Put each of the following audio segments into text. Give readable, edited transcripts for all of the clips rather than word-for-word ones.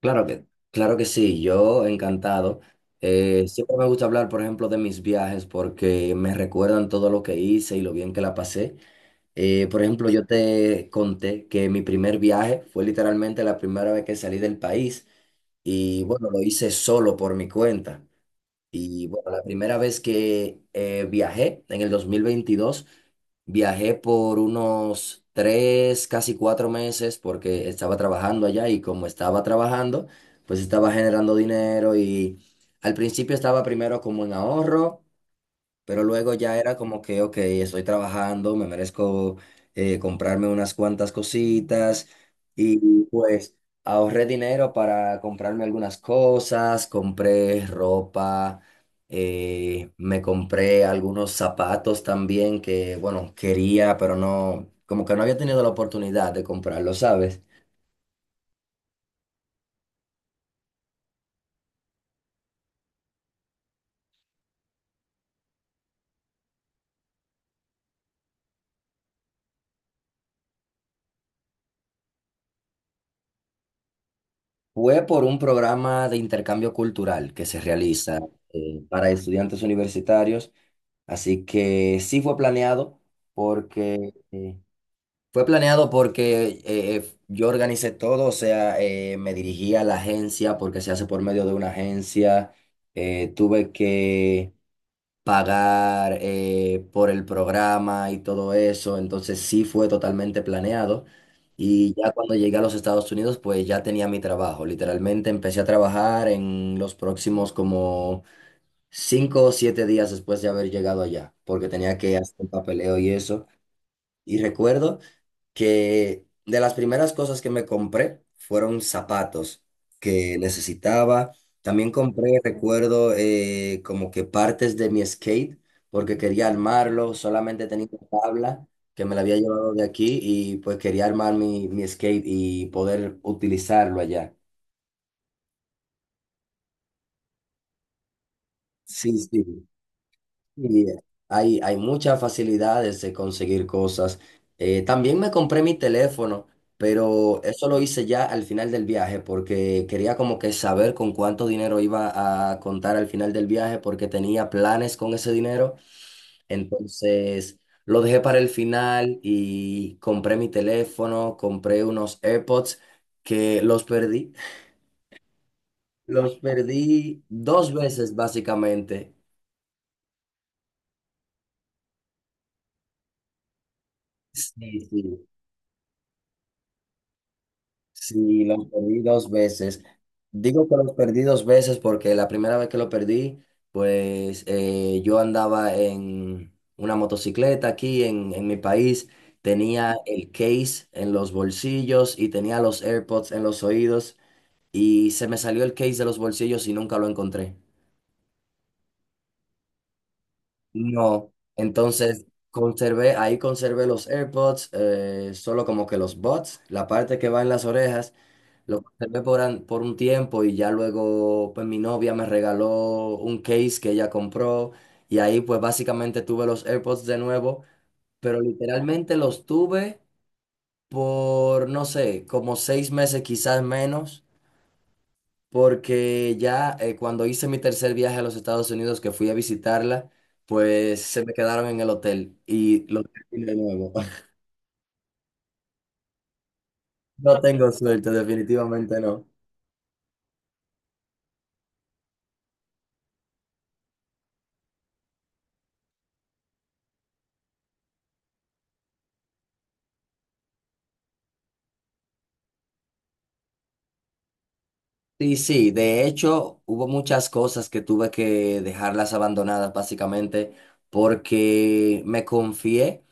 Claro que, claro que sí, yo encantado. Siempre me gusta hablar, por ejemplo, de mis viajes porque me recuerdan todo lo que hice y lo bien que la pasé. Por ejemplo, yo te conté que mi primer viaje fue literalmente la primera vez que salí del país y bueno, lo hice solo por mi cuenta. Y bueno, la primera vez que viajé en el 2022. Viajé por unos tres, casi cuatro meses porque estaba trabajando allá y como estaba trabajando, pues estaba generando dinero y al principio estaba primero como en ahorro, pero luego ya era como que, ok, estoy trabajando, me merezco comprarme unas cuantas cositas y pues ahorré dinero para comprarme algunas cosas, compré ropa, me compré algunos zapatos también que, bueno, quería, pero no, como que no había tenido la oportunidad de comprarlo, ¿sabes? Fue por un programa de intercambio cultural que se realiza para estudiantes universitarios. Así que sí fue planeado porque yo organicé todo, o sea, me dirigí a la agencia porque se hace por medio de una agencia. Tuve que pagar por el programa y todo eso, entonces sí fue totalmente planeado. Y ya cuando llegué a los Estados Unidos, pues ya tenía mi trabajo. Literalmente empecé a trabajar en los próximos como 5 o 7 días después de haber llegado allá, porque tenía que hacer el papeleo y eso. Y recuerdo que de las primeras cosas que me compré fueron zapatos que necesitaba. También compré, recuerdo, como que partes de mi skate, porque quería armarlo, solamente tenía una tabla que me la había llevado de aquí y pues quería armar mi skate y poder utilizarlo allá. Sí, sí. Y hay muchas facilidades de conseguir cosas. También me compré mi teléfono, pero eso lo hice ya al final del viaje porque quería como que saber con cuánto dinero iba a contar al final del viaje porque tenía planes con ese dinero. Entonces lo dejé para el final y compré mi teléfono, compré unos AirPods que los perdí. Los perdí dos veces básicamente. Sí, sí. Sí, los perdí dos veces. Digo que los perdí dos veces porque la primera vez que lo perdí, pues yo andaba en una motocicleta aquí en, mi país, tenía el case en los bolsillos y tenía los AirPods en los oídos y se me salió el case de los bolsillos y nunca lo encontré. No, entonces conservé, ahí conservé los AirPods, solo como que los buds, la parte que va en las orejas, lo conservé por, por un tiempo y ya luego pues mi novia me regaló un case que ella compró y ahí pues básicamente tuve los AirPods de nuevo, pero literalmente los tuve por, no sé, como 6 meses, quizás menos, porque ya cuando hice mi tercer viaje a los Estados Unidos, que fui a visitarla, pues se me quedaron en el hotel y lo terminé de nuevo. No tengo suerte, definitivamente no. Sí, sí, de hecho hubo muchas cosas que tuve que dejarlas abandonadas básicamente porque me confié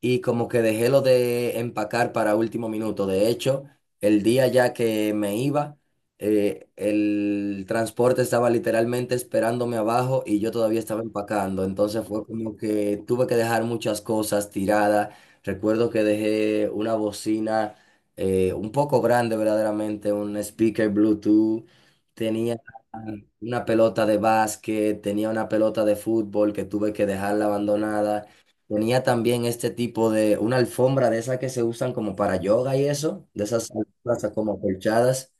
y como que dejé lo de empacar para último minuto. De hecho, el día ya que me iba, el transporte estaba literalmente esperándome abajo y yo todavía estaba empacando. Entonces fue como que tuve que dejar muchas cosas tiradas. Recuerdo que dejé una bocina un poco grande verdaderamente, un speaker Bluetooth. Tenía una pelota de básquet, tenía una pelota de fútbol que tuve que dejarla abandonada. Tenía también este tipo de, una alfombra de esas que se usan como para yoga y eso, de esas alfombras como acolchadas.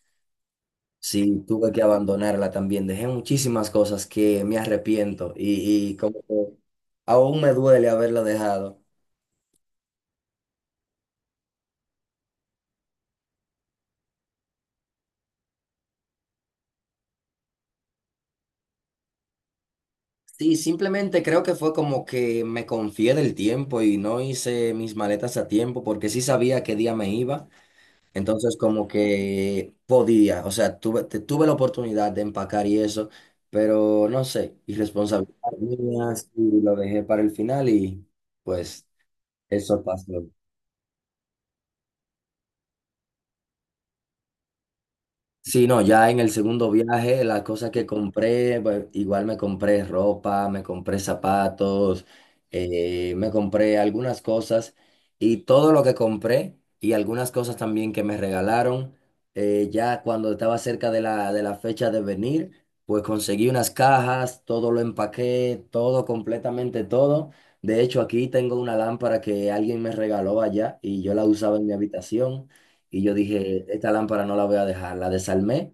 Sí, tuve que abandonarla también. Dejé muchísimas cosas que me arrepiento y como que aún me duele haberla dejado. Sí, simplemente creo que fue como que me confié del tiempo y no hice mis maletas a tiempo porque sí sabía qué día me iba. Entonces, como que podía, o sea, tuve, tuve la oportunidad de empacar y eso, pero no sé, irresponsabilidad mía, sí, lo dejé para el final y pues eso pasó. Sí, no, ya en el segundo viaje, las cosas que compré, pues, igual me compré ropa, me compré zapatos, me compré algunas cosas y todo lo que compré y algunas cosas también que me regalaron, ya cuando estaba cerca de la, fecha de venir, pues conseguí unas cajas, todo lo empaqué, todo, completamente todo. De hecho, aquí tengo una lámpara que alguien me regaló allá y yo la usaba en mi habitación. Y yo dije, esta lámpara no la voy a dejar. La desarmé,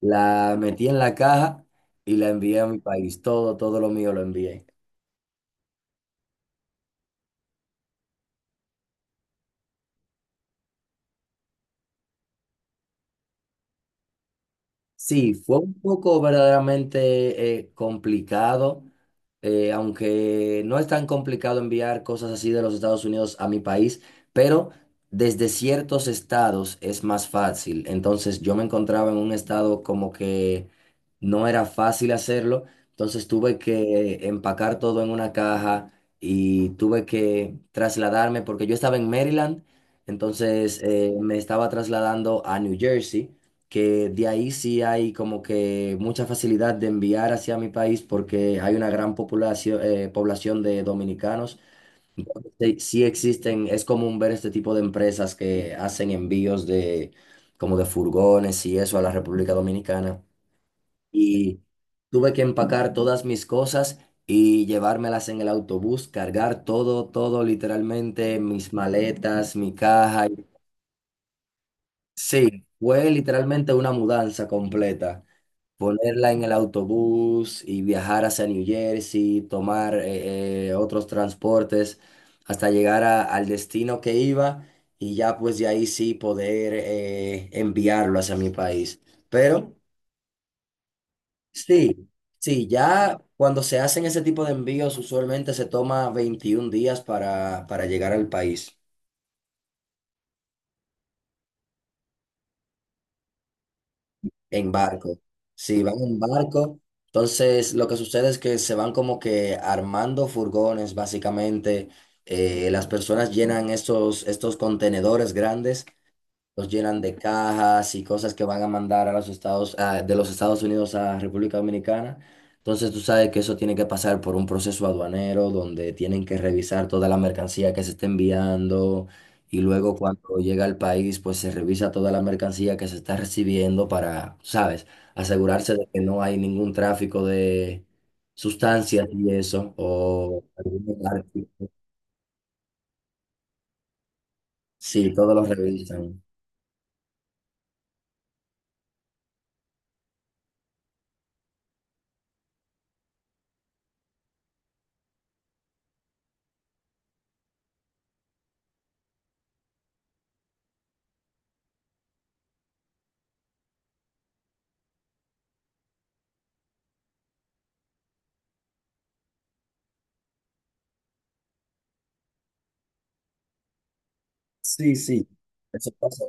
la metí en la caja y la envié a mi país. Todo, todo lo mío lo envié. Sí, fue un poco verdaderamente complicado, aunque no es tan complicado enviar cosas así de los Estados Unidos a mi país, pero desde ciertos estados es más fácil. Entonces yo me encontraba en un estado como que no era fácil hacerlo, entonces tuve que empacar todo en una caja y tuve que trasladarme porque yo estaba en Maryland, entonces me estaba trasladando a New Jersey, que de ahí sí hay como que mucha facilidad de enviar hacia mi país porque hay una gran población, población de dominicanos. Sí, sí existen, es común ver este tipo de empresas que hacen envíos de como de furgones y eso a la República Dominicana. Y tuve que empacar todas mis cosas y llevármelas en el autobús, cargar todo, todo literalmente, mis maletas, mi caja. Sí, fue literalmente una mudanza completa. Ponerla en el autobús y viajar hacia New Jersey, tomar otros transportes hasta llegar al destino que iba y ya pues de ahí sí poder enviarlo hacia mi país. Pero sí, sí, ya cuando se hacen ese tipo de envíos usualmente se toma 21 días para, llegar al país. En barco. Sí, van en barco. Entonces, lo que sucede es que se van como que armando furgones, básicamente. Las personas llenan estos contenedores grandes, los llenan de cajas y cosas que van a mandar a los Estados, de los Estados Unidos a República Dominicana. Entonces tú sabes que eso tiene que pasar por un proceso aduanero donde tienen que revisar toda la mercancía que se está enviando y luego cuando llega al país pues se revisa toda la mercancía que se está recibiendo para, sabes, asegurarse de que no hay ningún tráfico de sustancias y eso o algún artículo. Sí, todos los revisan. Sí, sí, eso pasa.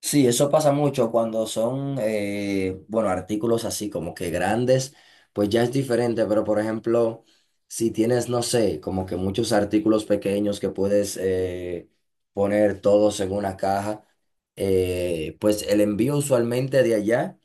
Sí, eso pasa mucho cuando son, bueno, artículos así como que grandes, pues ya es diferente, pero por ejemplo, si tienes, no sé, como que muchos artículos pequeños que puedes poner todos en una caja, pues el envío usualmente de allá.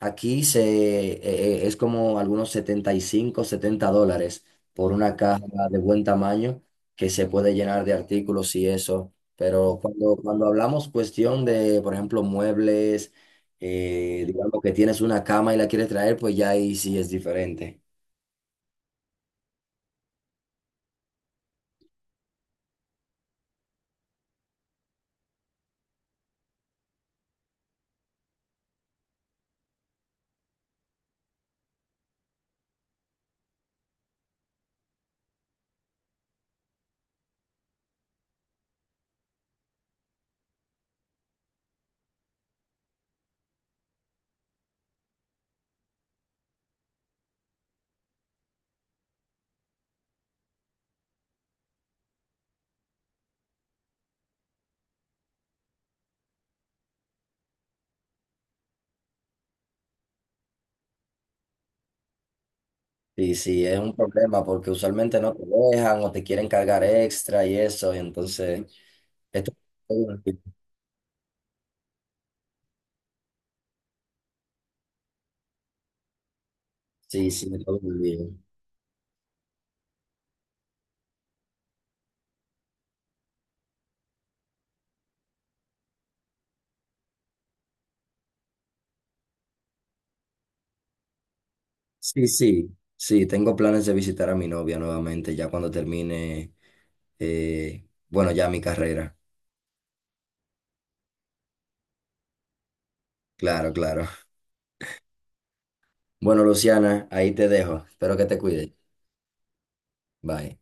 Aquí es como algunos 75 $70 por una caja de buen tamaño que se puede llenar de artículos y eso. Pero cuando, hablamos cuestión de, por ejemplo, muebles, digamos que tienes una cama y la quieres traer, pues ya ahí sí es diferente. Y sí, es un problema porque usualmente no te dejan o te quieren cargar extra y eso. Y entonces, esto es todo un lío. Sí, sí, todo un lío. Sí, sí, sí, tengo planes de visitar a mi novia nuevamente ya cuando termine, bueno, ya mi carrera. Claro, claro. Bueno, Luciana, ahí te dejo. Espero que te cuides. Bye.